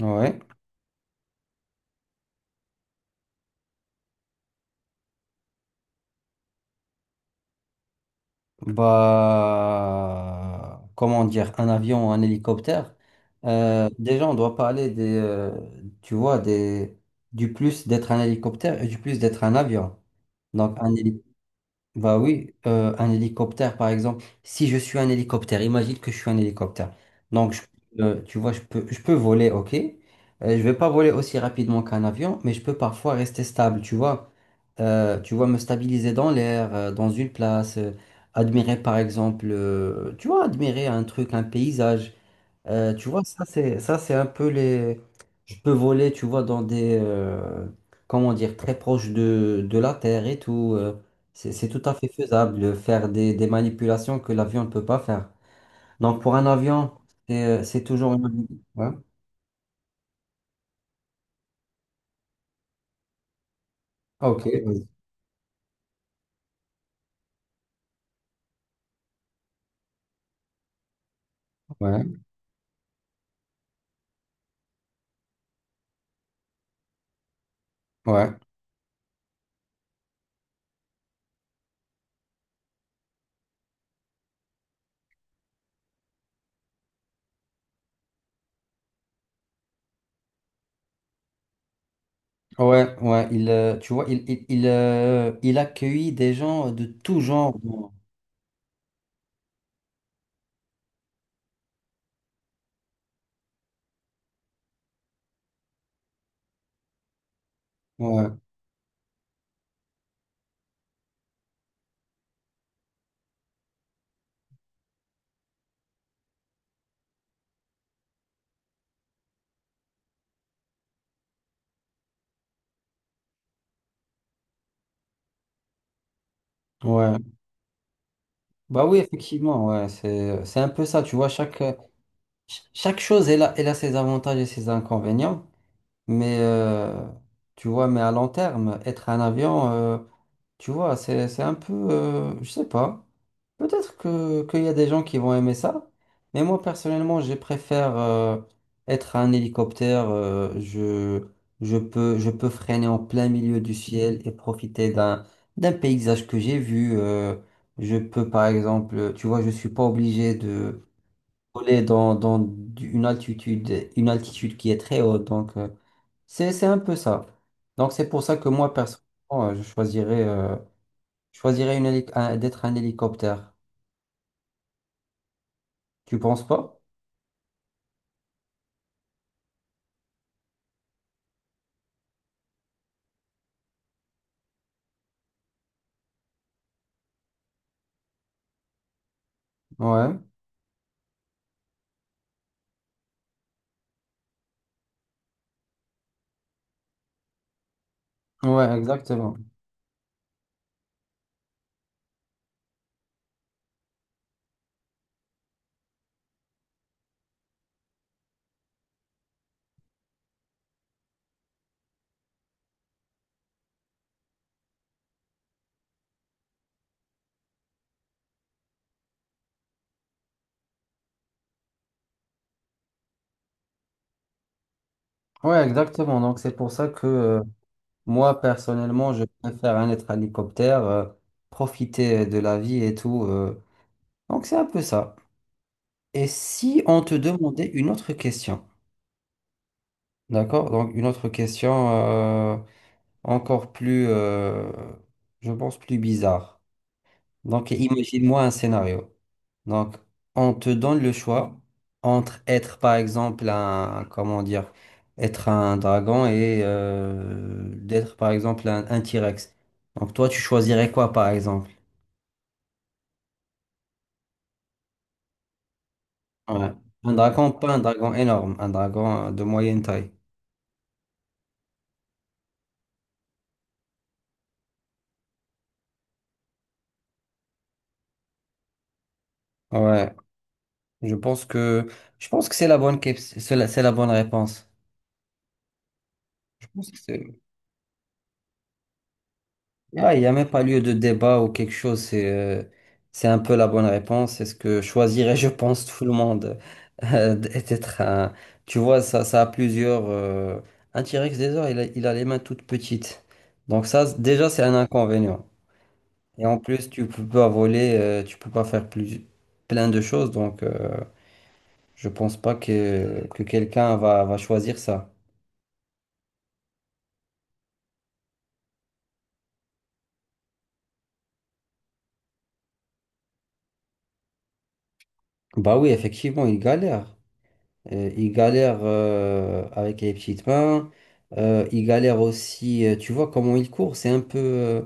Ouais, comment dire, un avion ou un hélicoptère. Déjà, on doit parler des, tu vois, du plus d'être un hélicoptère et du plus d'être un avion. Donc, un hélicoptère. Bah oui, un hélicoptère par exemple. Si je suis un hélicoptère, imagine que je suis un hélicoptère. Donc, tu vois, je peux voler, ok. Je vais pas voler aussi rapidement qu'un avion, mais je peux parfois rester stable, tu vois. Tu vois, me stabiliser dans l'air, dans une place, admirer par exemple, tu vois, admirer un truc, un paysage. Tu vois, ça c'est un peu les. Je peux voler, tu vois, dans des comment dire très proches de la Terre et tout. C'est tout à fait faisable de faire des manipulations que l'avion ne peut pas faire. Donc pour un avion, c'est toujours une. Ouais. Ok. Vas-y. Ouais. Ouais. Ouais. Ouais. Il Tu vois, il accueille des gens de tout genre. Ouais. Ouais. Bah oui, effectivement. Ouais. C'est un peu ça. Tu vois chaque. Chaque chose, elle a ses avantages et ses inconvénients, mais tu vois, à long terme, être un avion, tu vois, c'est un peu, je sais pas, peut-être que, qu'il y a des gens qui vont aimer ça, mais moi personnellement, je préfère être un hélicoptère. Je peux freiner en plein milieu du ciel et profiter d'un paysage que j'ai vu. Je peux par exemple, tu vois, je suis pas obligé voler dans une altitude qui est très haute. Donc, c'est un peu ça. Donc, c'est pour ça que moi, personnellement, je choisirais d'être un hélicoptère. Tu penses pas? Ouais. Ouais, exactement. Ouais, exactement. Donc, c'est pour ça que moi, personnellement, je préfère un être hélicoptère. Profiter de la vie et tout. Donc, c'est un peu ça. Et si on te demandait une autre question, d'accord? Donc, une autre question. Encore plus, je pense, plus bizarre. Donc, imagine-moi un scénario. Donc, on te donne le choix entre être, par exemple, comment dire, être un dragon et d'être, par exemple, un T-Rex. Donc, toi, tu choisirais quoi, par exemple? Ouais. Un dragon, pas un dragon énorme, un dragon de moyenne taille. Ouais, je pense que, je pense que c'est la bonne réponse. Je pense que c'est- Là, il n'y a même pas lieu de débat ou quelque chose. C'est un peu la bonne réponse. C'est ce que choisirait, je pense, tout le monde. D'être un. Tu vois, ça a plusieurs. Un T-Rex, déjà, il a les mains toutes petites. Donc ça, déjà, c'est un inconvénient. Et en plus, tu peux pas voler, tu peux pas faire plein de choses. Donc, je pense pas que quelqu'un va choisir ça. Bah oui, effectivement, il galère. Ils galèrent avec les petites mains. Ils galèrent aussi. Tu vois comment il court, c'est un peu,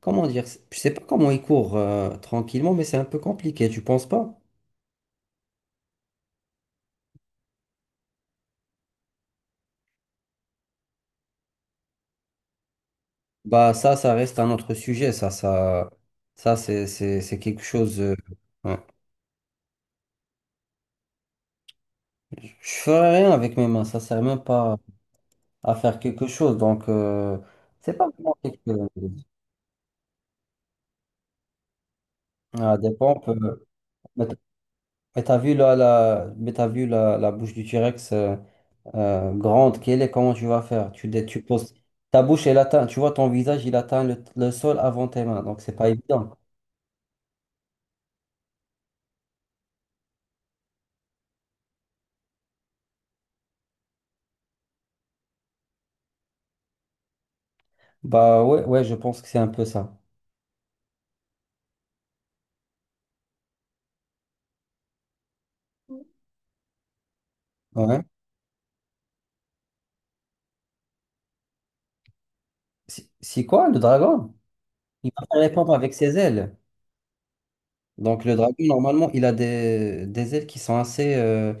comment dire, je sais pas comment il court tranquillement, mais c'est un peu compliqué, tu penses pas? Bah ça, ça reste un autre sujet. C'est quelque chose. Ouais. Je ferais rien avec mes mains, ça sert même pas à faire quelque chose, donc c'est pas vraiment quelque. Ah, des pompes. Euh, mais t- mais t'as vu là, la, mais t'as vu la bouche du T-Rex. Grande qu'elle est, comment tu vas faire? Tu poses ta bouche, elle atteint, tu vois, ton visage, il atteint le sol avant tes mains, donc c'est pas évident. Bah ouais, ouais, je pense que c'est un peu ça. Ouais. Si quoi, le dragon? Il va faire les pompes avec ses ailes. Donc le dragon, normalement, il a des ailes qui sont assez, euh,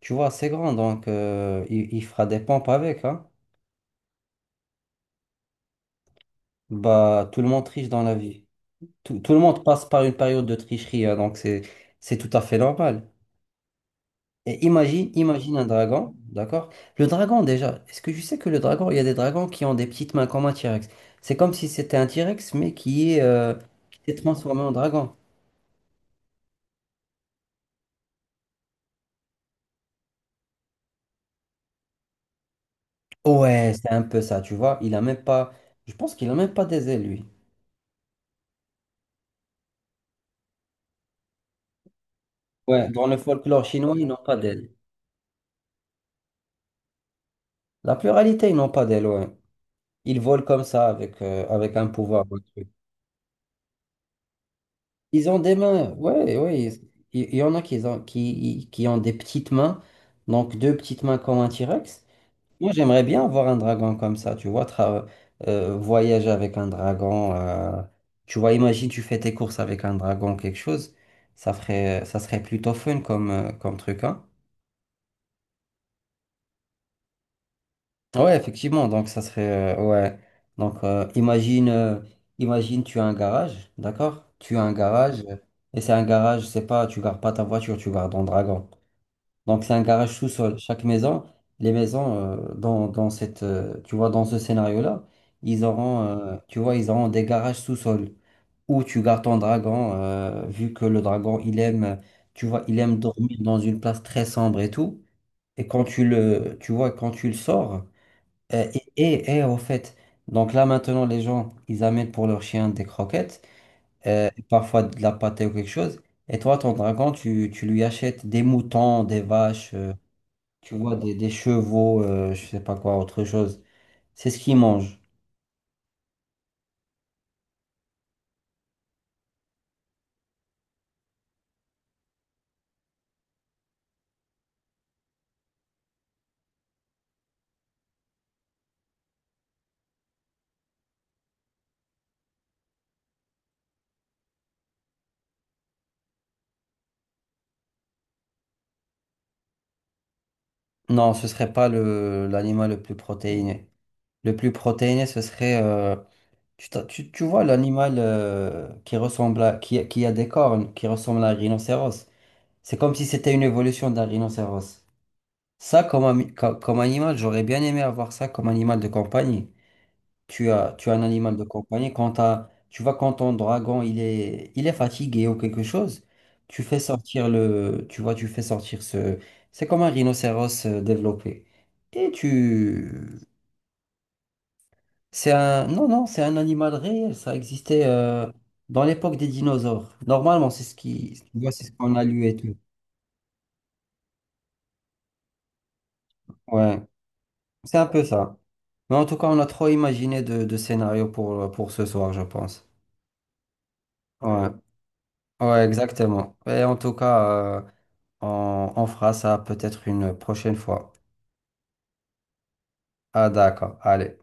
tu vois, assez grandes, donc il fera des pompes avec, hein. Bah, tout le monde triche dans la vie. Tout le monde passe par une période de tricherie, hein, donc c'est tout à fait normal. Et imagine un dragon, d'accord? Le dragon déjà, est-ce que je sais que le dragon, il y a des dragons qui ont des petites mains comme un T-Rex. C'est comme si c'était un T-Rex, mais qui s'est transformé en dragon. Ouais, c'est un peu ça, tu vois. Il a même pas, je pense qu'il a même pas des ailes, lui. Ouais, dans le folklore chinois, ils n'ont pas d'ailes. La pluralité, ils n'ont pas d'ailes, ouais. Ils volent comme ça avec un pouvoir. Un truc. Ils ont des mains, ouais, ouais. Il y en a qui ont, qui ont des petites mains, donc deux petites mains comme un T-Rex. Moi, j'aimerais bien avoir un dragon comme ça, tu vois. Voyager avec un dragon. Tu vois, imagine, tu fais tes courses avec un dragon, quelque chose. Ça ferait, ça serait plutôt fun comme, comme truc, hein. Ouais, effectivement, donc ça serait. Ouais. Donc, imagine, tu as un garage, d'accord? Tu as un garage, et c'est un garage, c'est pas, tu gardes pas ta voiture, tu gardes ton dragon. Donc, c'est un garage sous-sol. Les maisons dans ce scénario-là, ils auront des garages sous-sol où tu gardes ton dragon. Vu que le dragon, il aime dormir dans une place très sombre et tout. Et quand tu le sors. Et au fait, donc là maintenant, les gens, ils amènent pour leur chien des croquettes, parfois de la pâtée ou quelque chose. Et toi, ton dragon, tu lui achètes des moutons, des vaches. Tu vois, des chevaux, je sais pas quoi, autre chose. C'est ce qu'ils mangent. Non, ce serait pas l'animal le plus protéiné. Le plus protéiné, ce serait. Tu vois l'animal qui ressemble à. Qui a des cornes, qui ressemble à un rhinocéros. C'est comme si c'était une évolution d'un rhinocéros. Ça, comme, comme animal, j'aurais bien aimé avoir ça comme animal de compagnie. Tu as un animal de compagnie, tu vois, quand ton dragon il est fatigué ou quelque chose, tu fais sortir le, tu vois, tu fais sortir ce, c'est comme un rhinocéros développé. Et tu, c'est un, non, non, c'est un animal réel, ça existait dans l'époque des dinosaures. Normalement, c'est ce qui, tu vois, c'est ce qu'on a lu et tout. Ouais, c'est un peu ça. Mais en tout cas, on a trop imaginé de scénarios pour ce soir, je pense. Ouais, ouais, exactement. Et en tout cas, on fera ça peut-être une prochaine fois. Ah d'accord, allez.